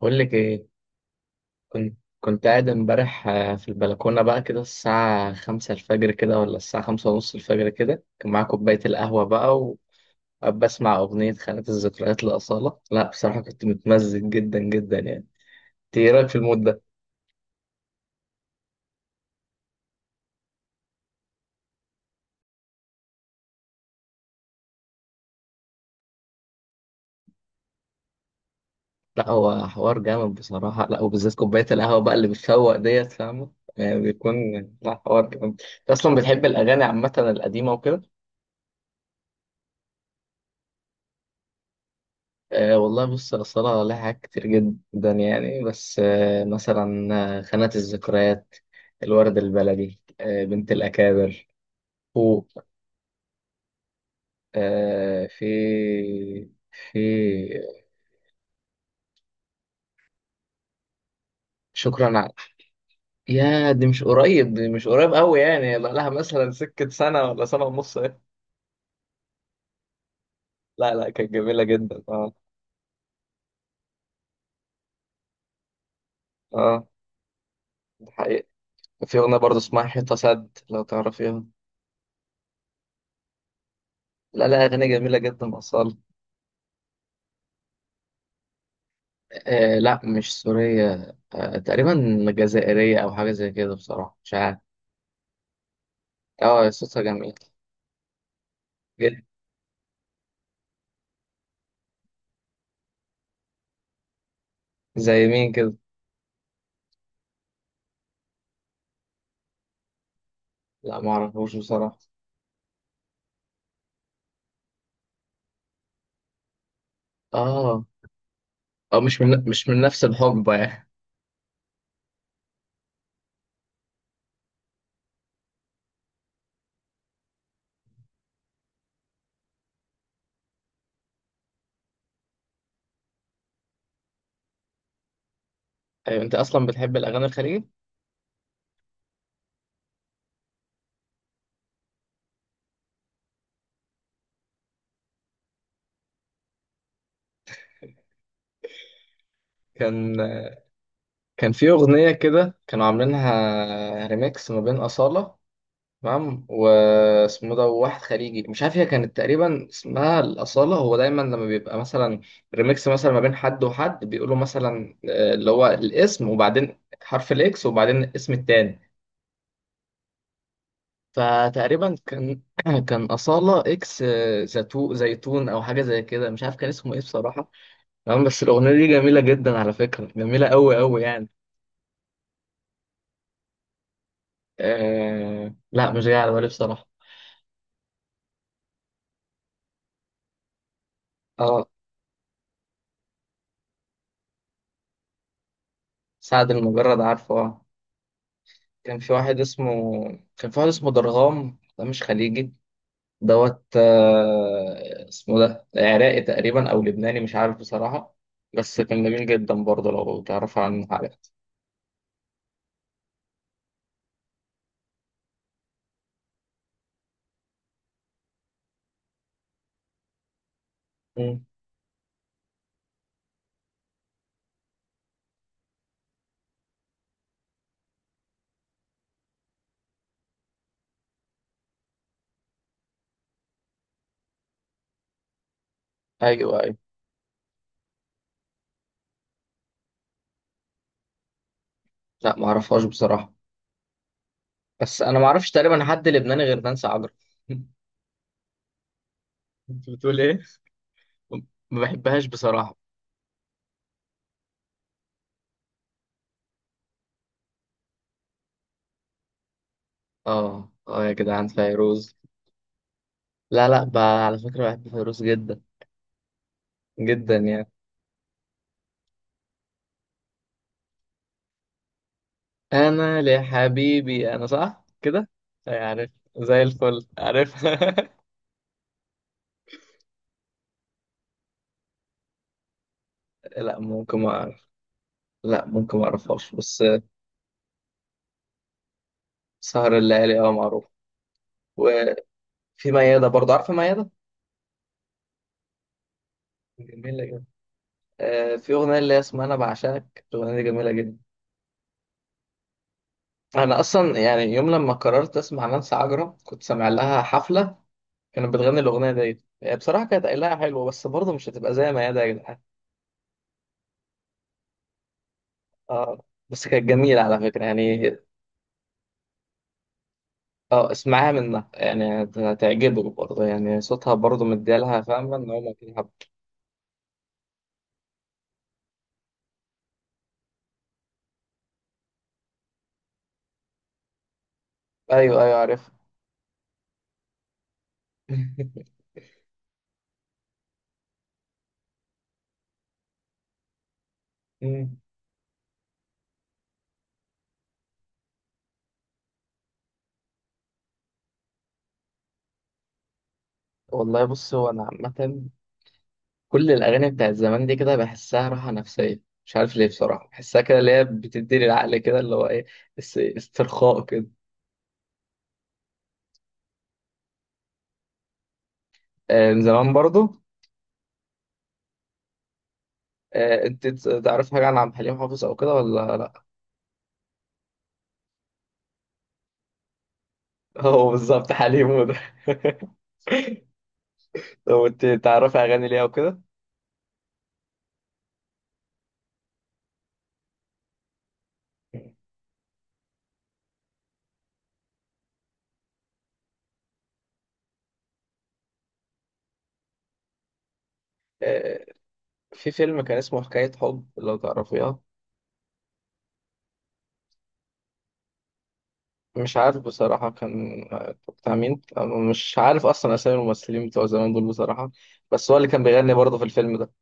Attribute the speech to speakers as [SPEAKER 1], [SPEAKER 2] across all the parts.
[SPEAKER 1] بقول لك ايه. كنت قاعد امبارح، في البلكونه بقى كده الساعه 5 الفجر كده، ولا الساعه 5:30 الفجر كده. كان معايا كوبايه القهوه بقى، وبسمع اغنيه خانات الذكريات لاصاله. لا بصراحه كنت متمزج جدا جدا يعني. انت ايه رايك في المود ده؟ لا هو حوار جامد بصراحه. لا وبالذات كوبايه القهوه بقى اللي بتفوق ديت، فاهمه يعني بيكون. لا، حوار جامد. انت اصلا بتحب الاغاني عامه القديمه وكده؟ أه والله، بص الصلاة لها حاجات كتير جدا يعني. بس مثلا، خانة الذكريات، الورد البلدي، بنت الأكابر، فوق. أه في في شكرا على. يا دي مش قريب، دي مش قريب قوي يعني، بقى لها مثلا سكة سنة ولا سنة ونص إيه. لا لا، كانت جميلة جدا. اه. اه، دي حقيقة. في أغنية برضه اسمها حيطة سد لو تعرفيها. لا لا، أغنية جميلة جدا أصالة. آه لا، مش سورية. تقريبا جزائرية أو حاجة زي كده، بصراحة مش عارف. اه، صوتها جميل جدا. زي مين كده؟ لا، معرفوش بصراحة. اه اه، مش من نفس الحقبة يعني. أيوة، أنت أصلا بتحب الأغاني الخليجي؟ كان كان في أغنية كده كانوا عاملينها ريميكس ما بين أصالة. تمام، واسمه ده واحد خليجي مش عارف. هي كانت تقريبا اسمها الأصالة. هو دايما لما بيبقى مثلا ريميكس مثلا ما بين حد وحد، بيقولوا مثلا اللي هو الاسم، وبعدين حرف الإكس، وبعدين الاسم التاني. فتقريبا كان كان أصالة إكس زيتو زيتون أو حاجة زي كده، مش عارف كان اسمه إيه بصراحة. تمام، بس الأغنية دي جميلة جدا على فكرة، جميلة أوي أوي يعني. لا مش جاية على بالي بصراحة. أه. سعد المجرد عارفه آه. كان في واحد اسمه كان في واحد اسمه درغام، ده مش خليجي. دوت. اسمه ده عراقي تقريبا او لبناني، مش عارف بصراحة. بس كان جميل جدا برضه لو تعرف عن حاجات. مم. ايوه ايوه. لا، ما اعرفهاش بصراحة. بس انا ما اعرفش تقريبا حد لبناني غير نانسي عجرم انت بتقول ايه؟ ما بحبهاش بصراحة. اه اه يا جدعان، فيروز. لا لا، على فكرة بحب فيروز جدا، جدا يعني. انا لحبيبي انا، صح كده. طيب، عارف. زي الفل عارف. لا، ممكن ما اعرف. لا، ممكن ما اعرفهاش بس. سهر الليالي، اه، معروف. وفي ميادة برضه، عارفة ميادة؟ جميلة جدا. آه، في أغنية اللي هي اسمها أنا بعشقك، الأغنية دي جميلة جدا. أنا أصلا يعني يوم لما قررت أسمع نانسي عجرم كنت سامع لها حفلة. كانت بتغني الأغنية ديت، هي بصراحة كانت قايلها حلوة، بس برضه مش هتبقى زي ميادة يا جدعان. اه، بس كانت جميلة على فكرة يعني. اه، اسمعها منها يعني هتعجبك برضه يعني، صوتها برضه مديالها، فاهمة ان هو ممكن يحب. ايوه ايوه عارف. مم. والله بص، هو انا عامة كل الاغاني بتاعت زمان دي كده بحسها راحة نفسية. مش عارف ليه بصراحة، بحسها كده اللي هي بتديني العقل كده اللي هو ايه، استرخاء كده. آه، من زمان برضه. آه، انت تعرف حاجة عن عبد الحليم حافظ او كده ولا لا؟ هو بالظبط حليم، هو ده. طب انت تعرفي اغاني ليه او كده؟ في فيلم كان اسمه حكاية حب لو تعرفيها. مش عارف بصراحة، كان بتاع مين. مش عارف أصلا أسامي الممثلين بتوع زمان دول بصراحة. بس هو اللي كان بيغني برضه في الفيلم ده.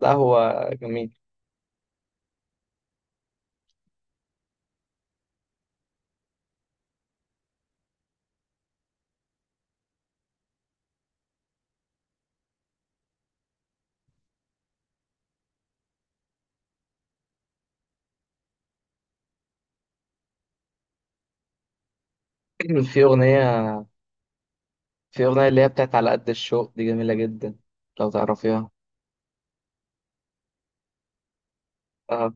[SPEAKER 1] لا هو جميل. في أغنية في أغنية اللي هي بتاعت على قد الشوق دي جميلة جدا لو تعرفيها. أه.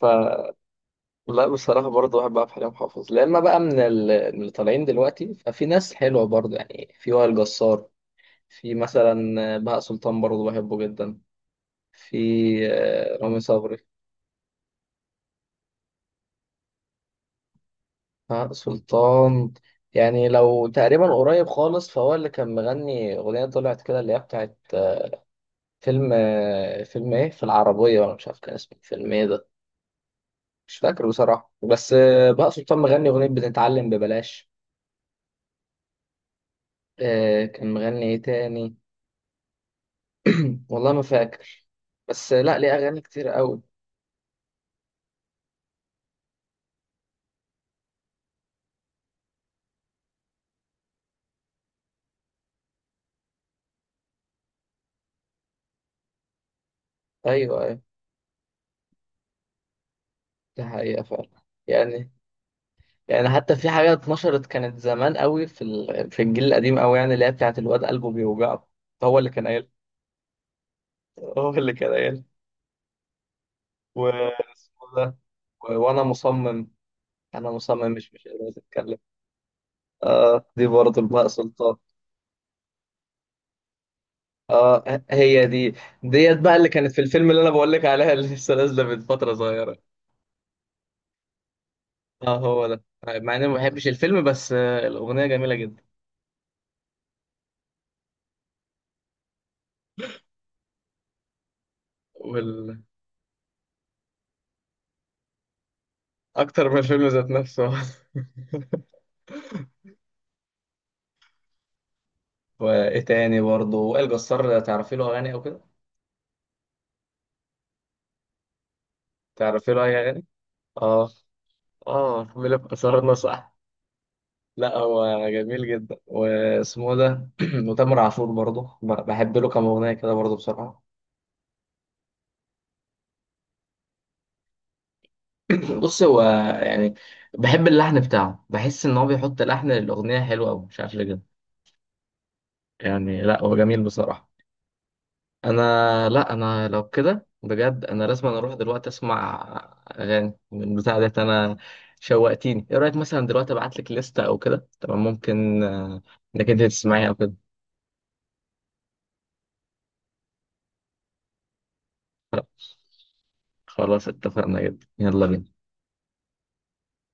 [SPEAKER 1] ف لا بصراحة برضه بحب عبد الحليم حافظ. لا، إما بقى من اللي طالعين دلوقتي ففي ناس حلوة برضه يعني. في وائل جسار. في مثلا بهاء سلطان برضه، بحبه جدا. في رامي صبري. آه، سلطان. يعني لو تقريبا قريب خالص فهو اللي كان مغني أغنية طلعت كده اللي هي بتاعت فيلم، فيلم إيه في العربية، ولا مش عارف كان اسمه فيلم إيه ده. مش فاكر بصراحة. بس بقى سلطان مغني أغنية بتتعلم ببلاش. كان مغني إيه تاني؟ والله ما فاكر. بس لا، ليه أغاني كتير قوي. أيوه أيوه، دي حقيقة فعلا. يعني يعني حتى في حاجة اتنشرت كانت زمان قوي في الجيل القديم قوي، يعني اللي هي بتاعت الواد قلبه بيوجعه. هو اللي كان قايل هو اللي كان قايل. و... اسمه ده، وانا مصمم. انا مصمم، مش قادر اتكلم. اه دي برضه بقى سلطان. اه، هي دي. ديت بقى اللي كانت في الفيلم اللي انا بقول لك عليها، اللي لسه نازله من فتره صغيره. اه هو ده، مع اني ما بحبش الفيلم، بس الاغنيه جميله جدا. وال... اكتر من الفيلم ذات نفسه. وايه تاني برضه؟ وائل جسار، تعرفي له اغاني او كده؟ تعرفي له اي اغاني؟ اه، اه ملف قصرنا، صح. لا هو جميل جدا، واسمه إيه ده وتامر عاشور برضه بحب له كام اغنيه كده برضه بصراحه. بص هو، يعني بحب اللحن بتاعه، بحس ان هو بيحط لحن للاغنيه حلو قوي، مش عارف ليه كده. يعني لا، هو جميل بصراحه. انا، لا انا لو كده بجد، انا لازم. أنا اروح دلوقتي اسمع اغاني من بتاع ديت انا، شوقتيني. ايه رايك مثلا دلوقتي ابعت لك لستة او كده، تمام؟ ممكن انك انت تسمعيها او كده. خلاص اتفقنا، جدا، يلا بينا.